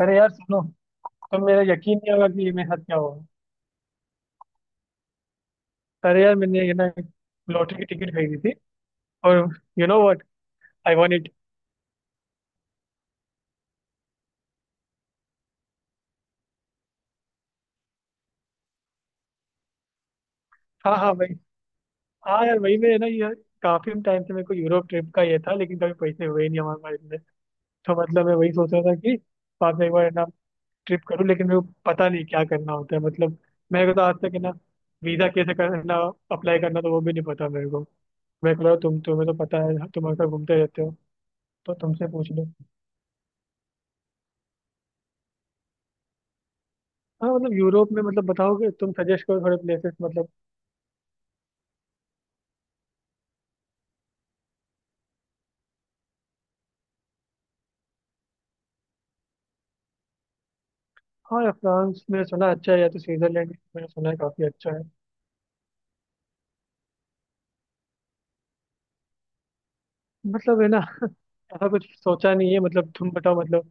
अरे यार सुनो। तो मेरा यकीन नहीं होगा कि ये मेरे साथ क्या हुआ। अरे यार मैंने ये ना, लॉटरी की टिकट खरीदी थी। और you know what, I want it. हाँ हाँ भाई। हाँ यार, वही मैं ना यार, काफी टाइम से मेरे को यूरोप ट्रिप का ये था, लेकिन कभी पैसे हुए ही नहीं हमारे पास में। तो मतलब मैं वही सोच रहा था कि बाद में एक बार है ना ट्रिप करूँ, लेकिन मेरे को पता नहीं क्या करना होता है मतलब। मेरे को तो आज तक है ना, वीजा कैसे करना, अप्लाई करना, तो वो भी नहीं पता मेरे को। मैं कह रहा हूँ तुम्हें तो पता है, तुम अक्सर घूमते रहते हो। तो तुमसे पूछ लो। हाँ मतलब यूरोप में मतलब बताओगे, तुम सजेस्ट करो थोड़े प्लेसेस मतलब। हाँ, या फ्रांस में सुना अच्छा है, या तो स्विट्जरलैंड मैंने सुना है काफी अच्छा है। मतलब है ना ऐसा कुछ सोचा नहीं है मतलब, तुम बताओ मतलब।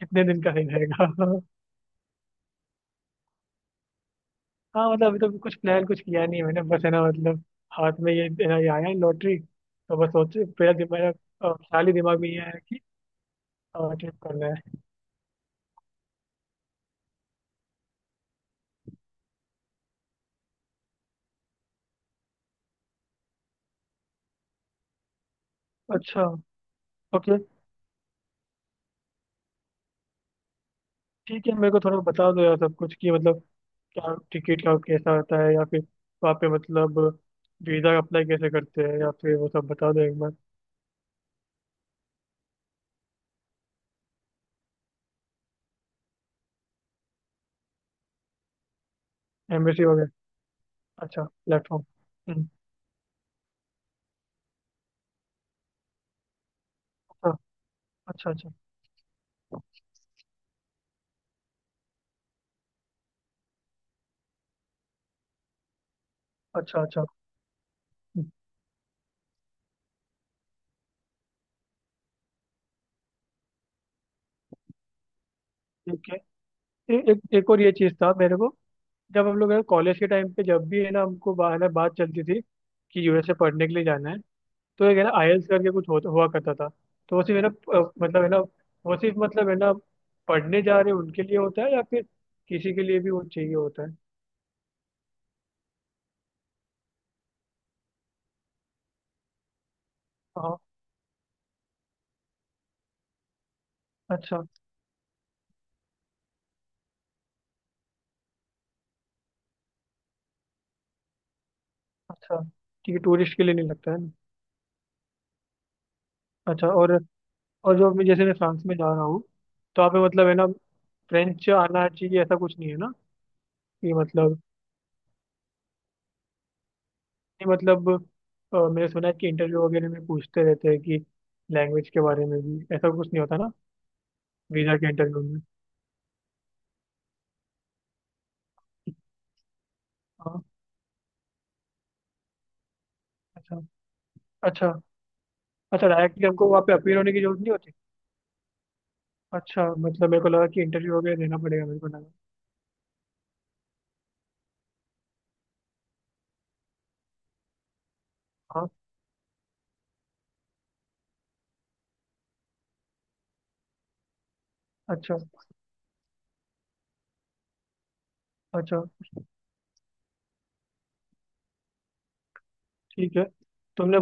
कितने दिन का सही रहेगा हाँ मतलब अभी तो कुछ प्लान कुछ किया नहीं है मैंने, बस है ना मतलब, हाथ में ये है ना, ये आया है लॉटरी, तो बस सोच मेरा दिमाग, ख्याल ही दिमाग में ये है कि ट्रिप करना है। अच्छा। ओके। ठीक है, मेरे को थोड़ा बता दो यार सब कुछ कि मतलब क्या टिकट का कैसा होता है, या फिर वहाँ पे मतलब वीज़ा अप्लाई कैसे करते हैं, या फिर वो सब बता दो एक बार। एम्बेसी वगैरह। अच्छा प्लेटफॉर्म। अच्छा अच्छा। अच्छा अच्छा। अच्छा। हम्म। ठीक है। एक एक और ये चीज़ था मेरे को, जब हम लोग कॉलेज के टाइम पे जब भी है ना हमको, है ना बात चलती थी कि यूएसए पढ़ने के लिए जाना है। तो एक है ना आईएल्स करके कुछ हुआ करता था। तो वो सिर्फ है ना, मतलब है ना वो सिर्फ मतलब है ना, पढ़ने जा रहे उनके लिए होता है, या फिर किसी के लिए भी वो चाहिए होता है। हाँ। अच्छा अच्छा। ठीक है, टूरिस्ट के लिए नहीं लगता है ना। अच्छा। और जो मैं, जैसे मैं फ्रांस में जा रहा हूँ, तो आप मतलब है ना फ्रेंच आना चाहिए ऐसा कुछ नहीं है ना। कि मतलब, नहीं मतलब, मैंने सुना है कि इंटरव्यू वगैरह में पूछते रहते हैं कि लैंग्वेज के बारे में भी ऐसा कुछ नहीं होता ना, वीज़ा के इंटरव्यू में। हाँ। अच्छा अच्छा। अच्छा, डायरेक्टली हमको वहाँ पे अपीयर होने की जरूरत नहीं होती। अच्छा मतलब मेरे को लगा कि इंटरव्यू वगैरह देना पड़ेगा, मेरे को लगा। हाँ। अच्छा अच्छा। ठीक है। तुमने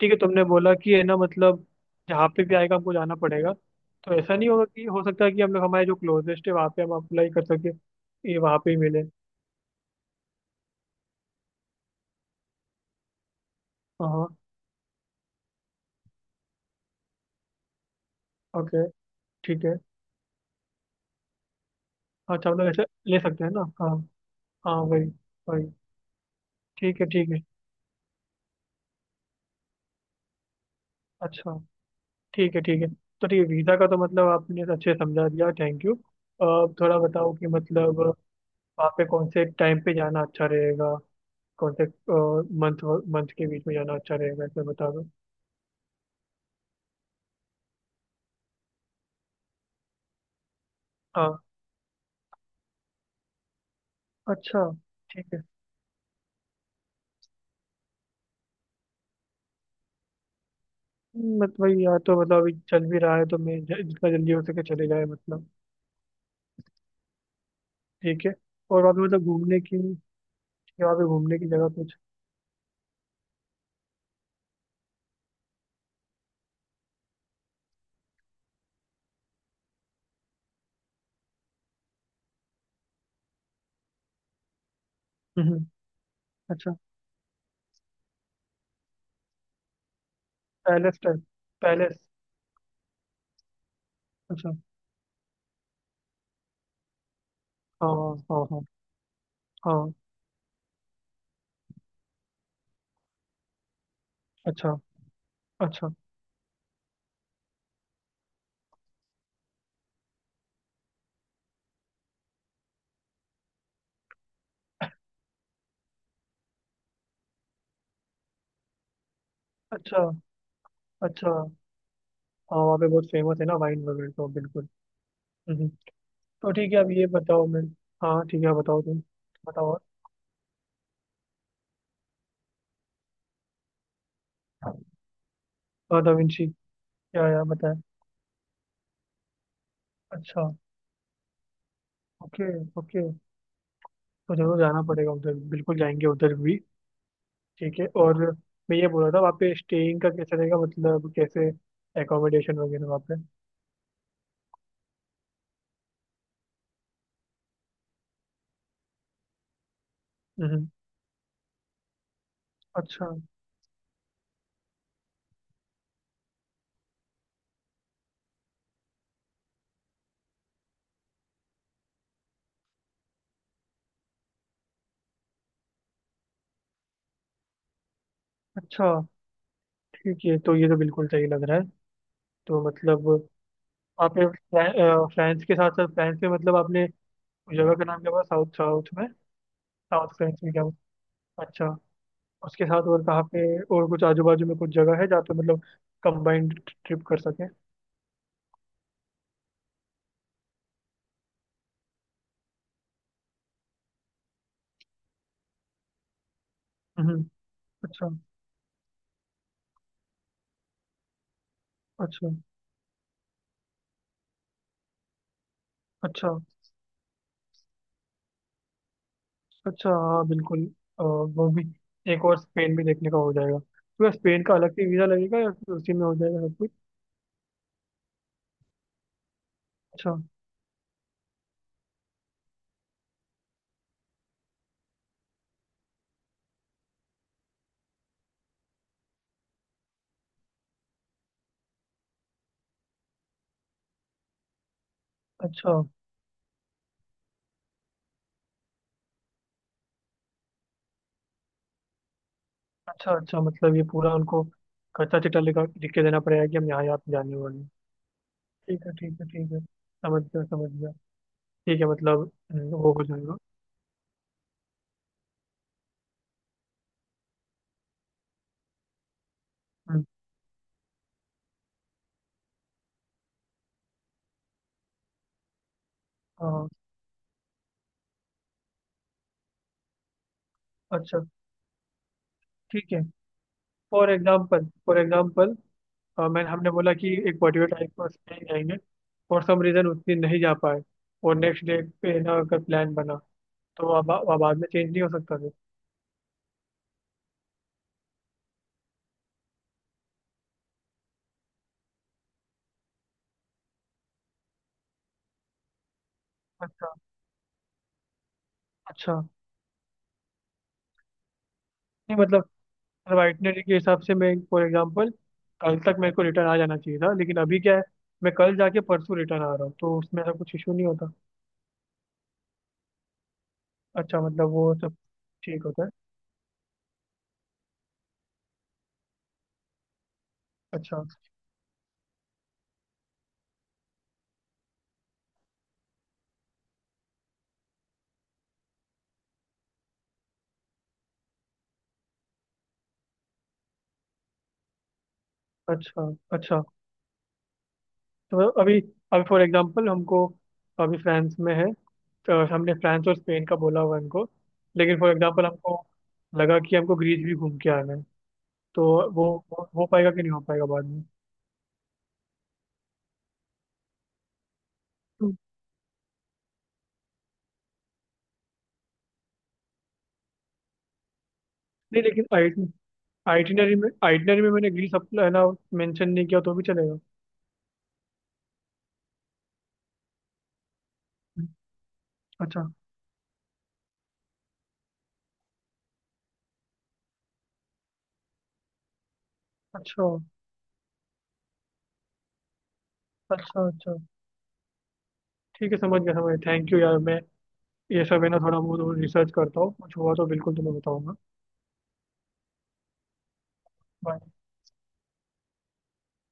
तुमने बोला कि है ना मतलब जहाँ पे भी आएगा हमको जाना पड़ेगा। तो ऐसा नहीं होगा कि हो सकता है कि हम लोग हमारे जो क्लोजेस्ट है वहाँ पे हम अप्लाई कर सके, ये वहाँ पे ही मिले। हाँ हाँ। ओके। ठीक है। हाँ, अच्छा हम लोग ऐसे ले सकते हैं ना, हाँ। हाँ वही वही। ठीक है ठीक है। अच्छा। ठीक है ठीक है। तो ठीक है, वीज़ा का तो मतलब आपने अच्छे से समझा दिया, थैंक यू। अब थोड़ा बताओ कि मतलब वहाँ पे कौन से टाइम पे जाना अच्छा रहेगा, कौन से मंथ, मंथ के बीच में जाना अच्छा रहेगा ऐसे बता दो। हाँ। अच्छा। ठीक है मतलब वही यहाँ, तो मतलब अभी चल भी रहा है, तो मैं जितना जल्दी हो सके चले जाए मतलब। ठीक है। और वहाँ पे मतलब घूमने की, वहाँ पे घूमने की जगह कुछ। हम्म। अच्छा, पैलेस टाइप। पैलेस। अच्छा। हाँ हाँ हाँ हाँ। हाँ, अच्छा। अच्छा अच्छा अच्छा। हाँ, वहाँ पे बहुत फेमस है ना वाइन वगैरह, तो बिल्कुल। हम्म। तो ठीक है अब ये बताओ मैं। हाँ ठीक है, बताओ तुम। बताओ। और दा विंची, क्या यार बताया। अच्छा। ओके। ओके। तो जरूर जाना पड़ेगा उधर, बिल्कुल जाएंगे उधर भी। ठीक है। और मैं ये बोल रहा था वहाँ पे स्टेइंग का कैसा रहेगा, मतलब कैसे एकोमोडेशन वगैरह वहाँ पे। हम्म। अच्छा अच्छा। ठीक है, तो ये तो बिल्कुल सही लग रहा है। तो मतलब आपने फ्रांस के साथ साथ, फ्रांस में मतलब आपने उस जगह का नाम क्या बोला साउथ, साउथ में। साउथ फ्रांस में क्या बोला। अच्छा। उसके साथ और कहाँ पे, और कुछ आजू बाजू में कुछ जगह है जहाँ पे मतलब कंबाइंड ट्रिप कर सके। हम्म। अच्छा अच्छा अच्छा अच्छा। हाँ बिल्कुल। वो भी, एक और स्पेन भी देखने का हो जाएगा, तो क्या स्पेन का अलग से वीज़ा लगेगा या फिर उसी में हो जाएगा सब कुछ। अच्छा अच्छा। अच्छा अच्छा, मतलब ये पूरा उनको कच्चा चिट्ठा लिख के देना पड़ेगा कि हम यहाँ यहाँ पे जाने वाले हैं। ठीक है ठीक है ठीक है, समझ गया समझ गया। ठीक है मतलब वो हो जाएगा। हम्म, हाँ, अच्छा। ठीक है। फॉर एग्जाम्पल, मैंने हमने बोला कि एक पर्टिकुलर टाइम पर स्पेन जाएंगे, फॉर सम रीज़न उतनी नहीं जा पाए, और नेक्स्ट डे पे ना अगर प्लान बना, तो अब बाद में चेंज नहीं हो सकता फिर। अच्छा अच्छा। नहीं मतलब वाइटनरी के हिसाब से मैं, फॉर एग्जांपल, कल तक मेरे को रिटर्न आ जाना चाहिए था, लेकिन अभी क्या है, मैं कल जाके परसों रिटर्न आ रहा हूँ, तो उसमें ऐसा कुछ इशू नहीं होता। अच्छा मतलब वो सब ठीक होता है। अच्छा अच्छा अच्छा। तो अभी, अभी फॉर एग्जांपल हमको, अभी फ्रांस में है, तो हमने फ्रांस और स्पेन का बोला हुआ है, हमको लेकिन फॉर एग्जांपल हमको लगा कि हमको ग्रीस भी घूम के आना है, तो वो वो हो पाएगा कि नहीं हो पाएगा बाद में। हम्म, नहीं लेकिन आइटिनरी में मैंने ग्रीस अप है ना मेंशन नहीं किया, तो भी चलेगा। अच्छा अच्छा अच्छा अच्छा। ठीक है समझ गया समझ गया, थैंक यू यार। मैं ये सब है ना थोड़ा बहुत रिसर्च करता हूँ, कुछ हुआ तो बिल्कुल तुम्हें बताऊंगा। Bye.